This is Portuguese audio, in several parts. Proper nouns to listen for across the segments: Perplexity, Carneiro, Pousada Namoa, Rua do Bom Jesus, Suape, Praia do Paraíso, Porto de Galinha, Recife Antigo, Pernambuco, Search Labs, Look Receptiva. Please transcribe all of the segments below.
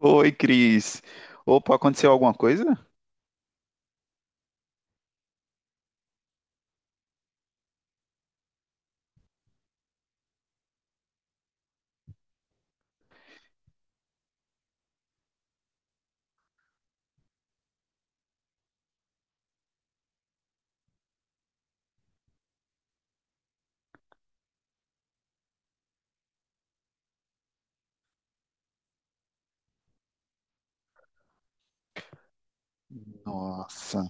Oi, Cris. Opa, aconteceu alguma coisa? Nossa.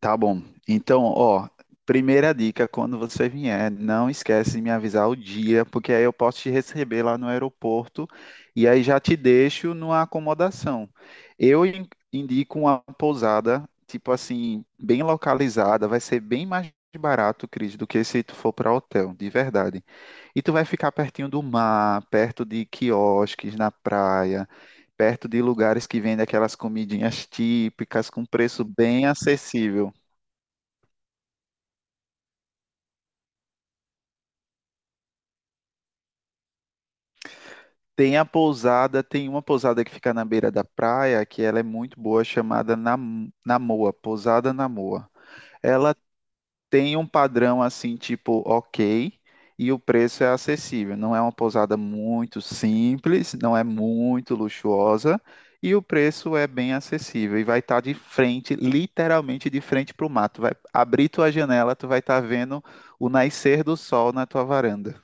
Tá bom. Então, ó, primeira dica, quando você vier, não esquece de me avisar o dia, porque aí eu posso te receber lá no aeroporto e aí já te deixo numa acomodação. Eu indico uma pousada, tipo assim, bem localizada, vai ser bem mais barato, Cris, do que se tu for para hotel, de verdade. E tu vai ficar pertinho do mar, perto de quiosques na praia, perto de lugares que vendem aquelas comidinhas típicas com preço bem acessível. Tem a pousada, tem uma pousada que fica na beira da praia, que ela é muito boa, chamada Namoa, Pousada Namoa. Ela tem um padrão assim, tipo, ok, e o preço é acessível. Não é uma pousada muito simples, não é muito luxuosa, e o preço é bem acessível. E vai estar de frente, literalmente de frente para o mato. Vai abrir tua janela, tu vai estar vendo o nascer do sol na tua varanda.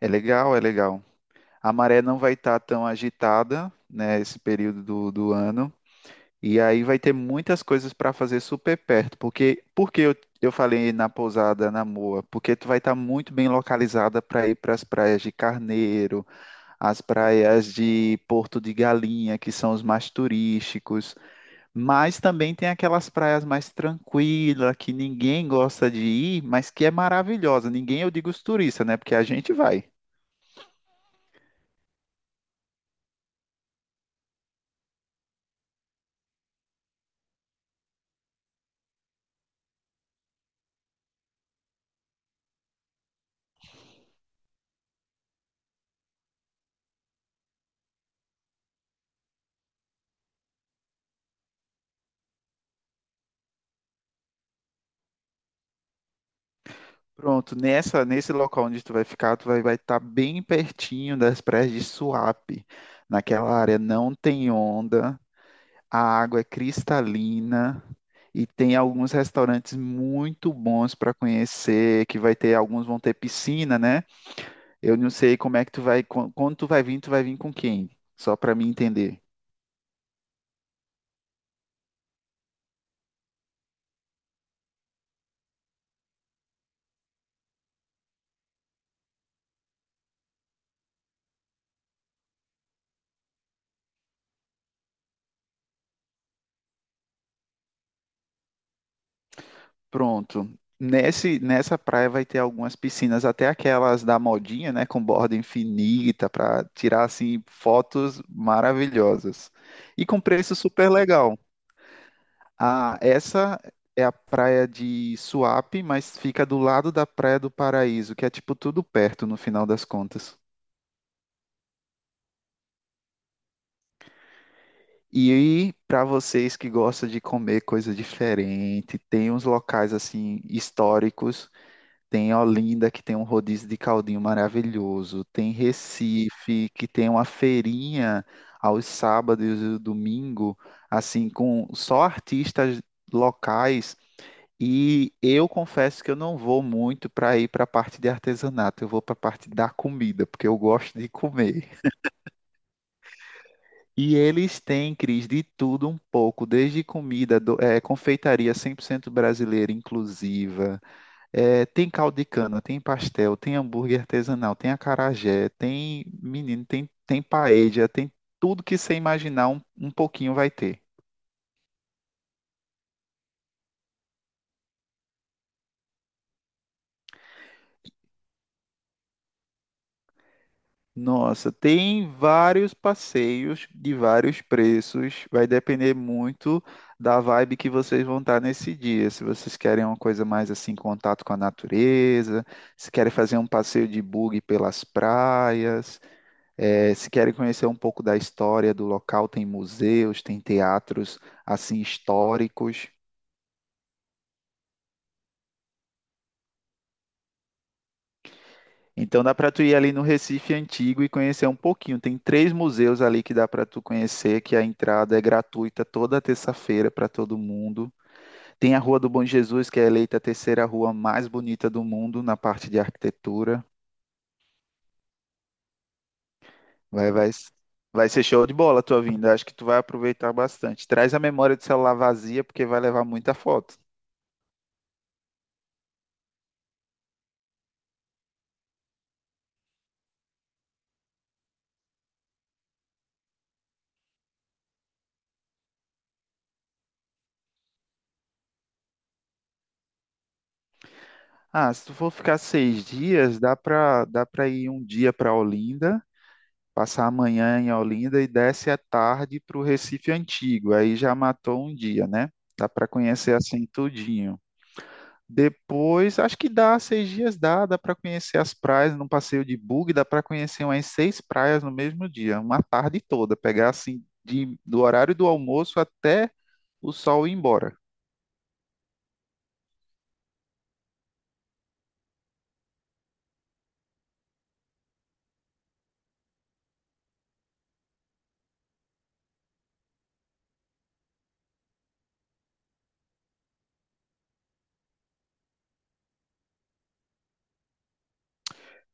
É legal, é legal. A maré não vai estar tão agitada, né, esse período do ano. E aí vai ter muitas coisas para fazer super perto, porque eu falei na pousada na Moa, porque tu vai estar muito bem localizada para ir para as praias de Carneiro, as praias de Porto de Galinha, que são os mais turísticos, mas também tem aquelas praias mais tranquilas que ninguém gosta de ir, mas que é maravilhosa. Ninguém, eu digo os turistas, né? Porque a gente vai. Pronto, nessa, nesse local onde tu vai ficar, tu vai estar bem pertinho das praias de Suape. Naquela área não tem onda, a água é cristalina e tem alguns restaurantes muito bons para conhecer, que vai ter, alguns vão ter piscina, né? Eu não sei como é que tu vai, quando tu vai vir com quem? Só para mim entender. Pronto. Nesse, nessa praia vai ter algumas piscinas, até aquelas da modinha, né, com borda infinita, para tirar assim fotos maravilhosas. E com preço super legal. Ah, essa é a praia de Suape, mas fica do lado da Praia do Paraíso, que é tipo tudo perto no final das contas. E para vocês que gostam de comer coisa diferente, tem uns locais assim históricos. Tem Olinda, que tem um rodízio de caldinho maravilhoso. Tem Recife, que tem uma feirinha aos sábados e domingo, assim, com só artistas locais. E eu confesso que eu não vou muito para ir para a parte de artesanato, eu vou para a parte da comida, porque eu gosto de comer. E eles têm, Cris, de tudo um pouco, desde comida, confeitaria 100% brasileira, inclusiva. É, tem caldo de cana, tem pastel, tem hambúrguer artesanal, tem acarajé, tem menino, tem, tem paella, tem tudo que você imaginar um pouquinho vai ter. Nossa, tem vários passeios de vários preços, vai depender muito da vibe que vocês vão estar nesse dia. Se vocês querem uma coisa mais assim, contato com a natureza, se querem fazer um passeio de buggy pelas praias. É, se querem conhecer um pouco da história do local, tem museus, tem teatros assim históricos. Então dá para tu ir ali no Recife Antigo e conhecer um pouquinho. Tem três museus ali que dá para tu conhecer, que a entrada é gratuita toda terça-feira para todo mundo. Tem a Rua do Bom Jesus, que é eleita a terceira rua mais bonita do mundo na parte de arquitetura. Vai, vai, vai ser show de bola a tua vinda. Acho que tu vai aproveitar bastante. Traz a memória de celular vazia, porque vai levar muita foto. Ah, se tu for ficar 6 dias, dá para ir um dia para Olinda, passar a manhã em Olinda e desce à tarde para o Recife Antigo. Aí já matou um dia, né? Dá para conhecer assim tudinho. Depois, acho que dá 6 dias, dá para conhecer as praias num passeio de bug, dá para conhecer umas seis praias no mesmo dia, uma tarde toda, pegar assim de, do horário do almoço até o sol ir embora.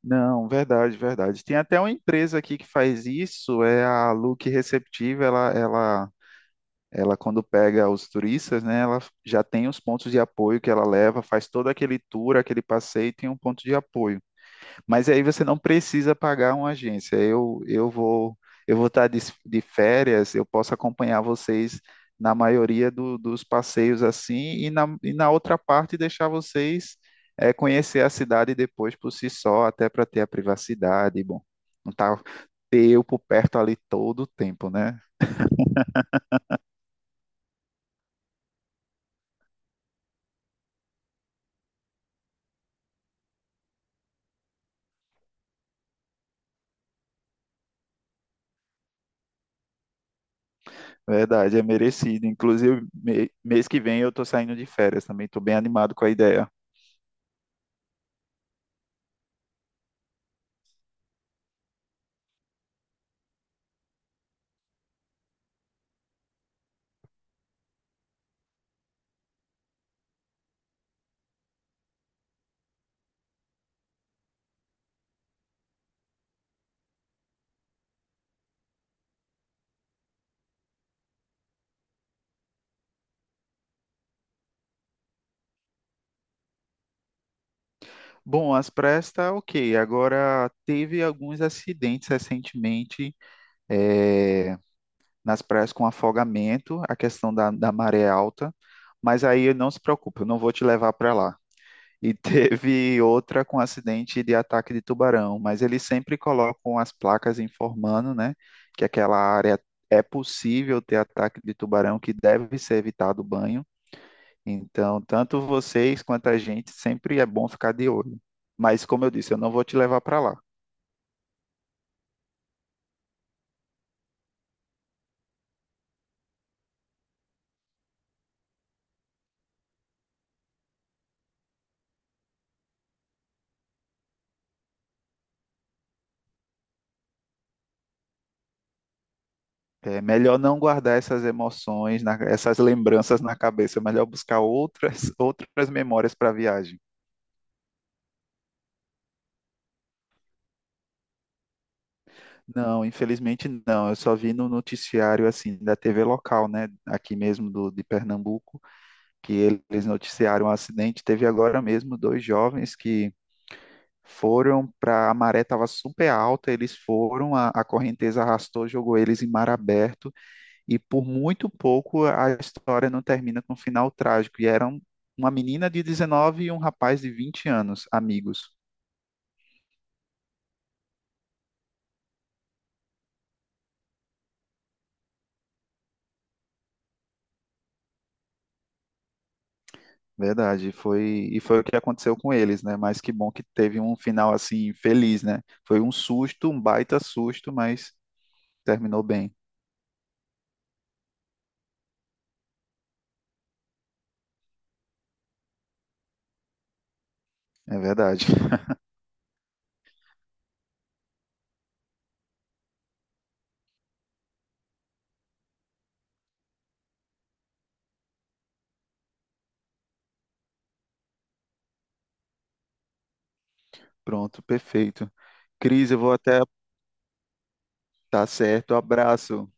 Não, verdade, verdade. Tem até uma empresa aqui que faz isso, é a Look Receptiva, ela quando pega os turistas, né, ela já tem os pontos de apoio que ela leva, faz todo aquele tour, aquele passeio, e tem um ponto de apoio. Mas aí você não precisa pagar uma agência. Eu vou estar de, férias, eu posso acompanhar vocês na maioria dos passeios assim, e na outra parte deixar vocês conhecer a cidade depois por si só, até para ter a privacidade. Bom, não tá ter eu por perto ali todo o tempo, né? Verdade, é merecido. Inclusive, mês que vem eu estou saindo de férias também. Estou bem animado com a ideia. Bom, as praias tá ok. Agora, teve alguns acidentes recentemente eh, nas praias com afogamento, a questão da maré alta, mas aí não se preocupe, eu não vou te levar para lá. E teve outra com acidente de ataque de tubarão, mas eles sempre colocam as placas informando, né, que aquela área é possível ter ataque de tubarão, que deve ser evitado o banho. Então, tanto vocês quanto a gente, sempre é bom ficar de olho. Mas, como eu disse, eu não vou te levar para lá. É melhor não guardar essas emoções, essas lembranças na cabeça. É melhor buscar outras, outras memórias para a viagem. Não, infelizmente não. Eu só vi no noticiário assim da TV local, né, aqui mesmo do, de Pernambuco, que eles noticiaram um acidente. Teve agora mesmo dois jovens que foram para a maré estava super alta, eles foram, a correnteza arrastou, jogou eles em mar aberto e por muito pouco a história não termina com um final trágico. E eram uma menina de 19 e um rapaz de 20 anos, amigos. Verdade, foi e foi o que aconteceu com eles, né? Mas que bom que teve um final assim feliz, né? Foi um susto, um baita susto, mas terminou bem. É verdade. Pronto, perfeito. Cris, eu vou até. Tá certo, abraço.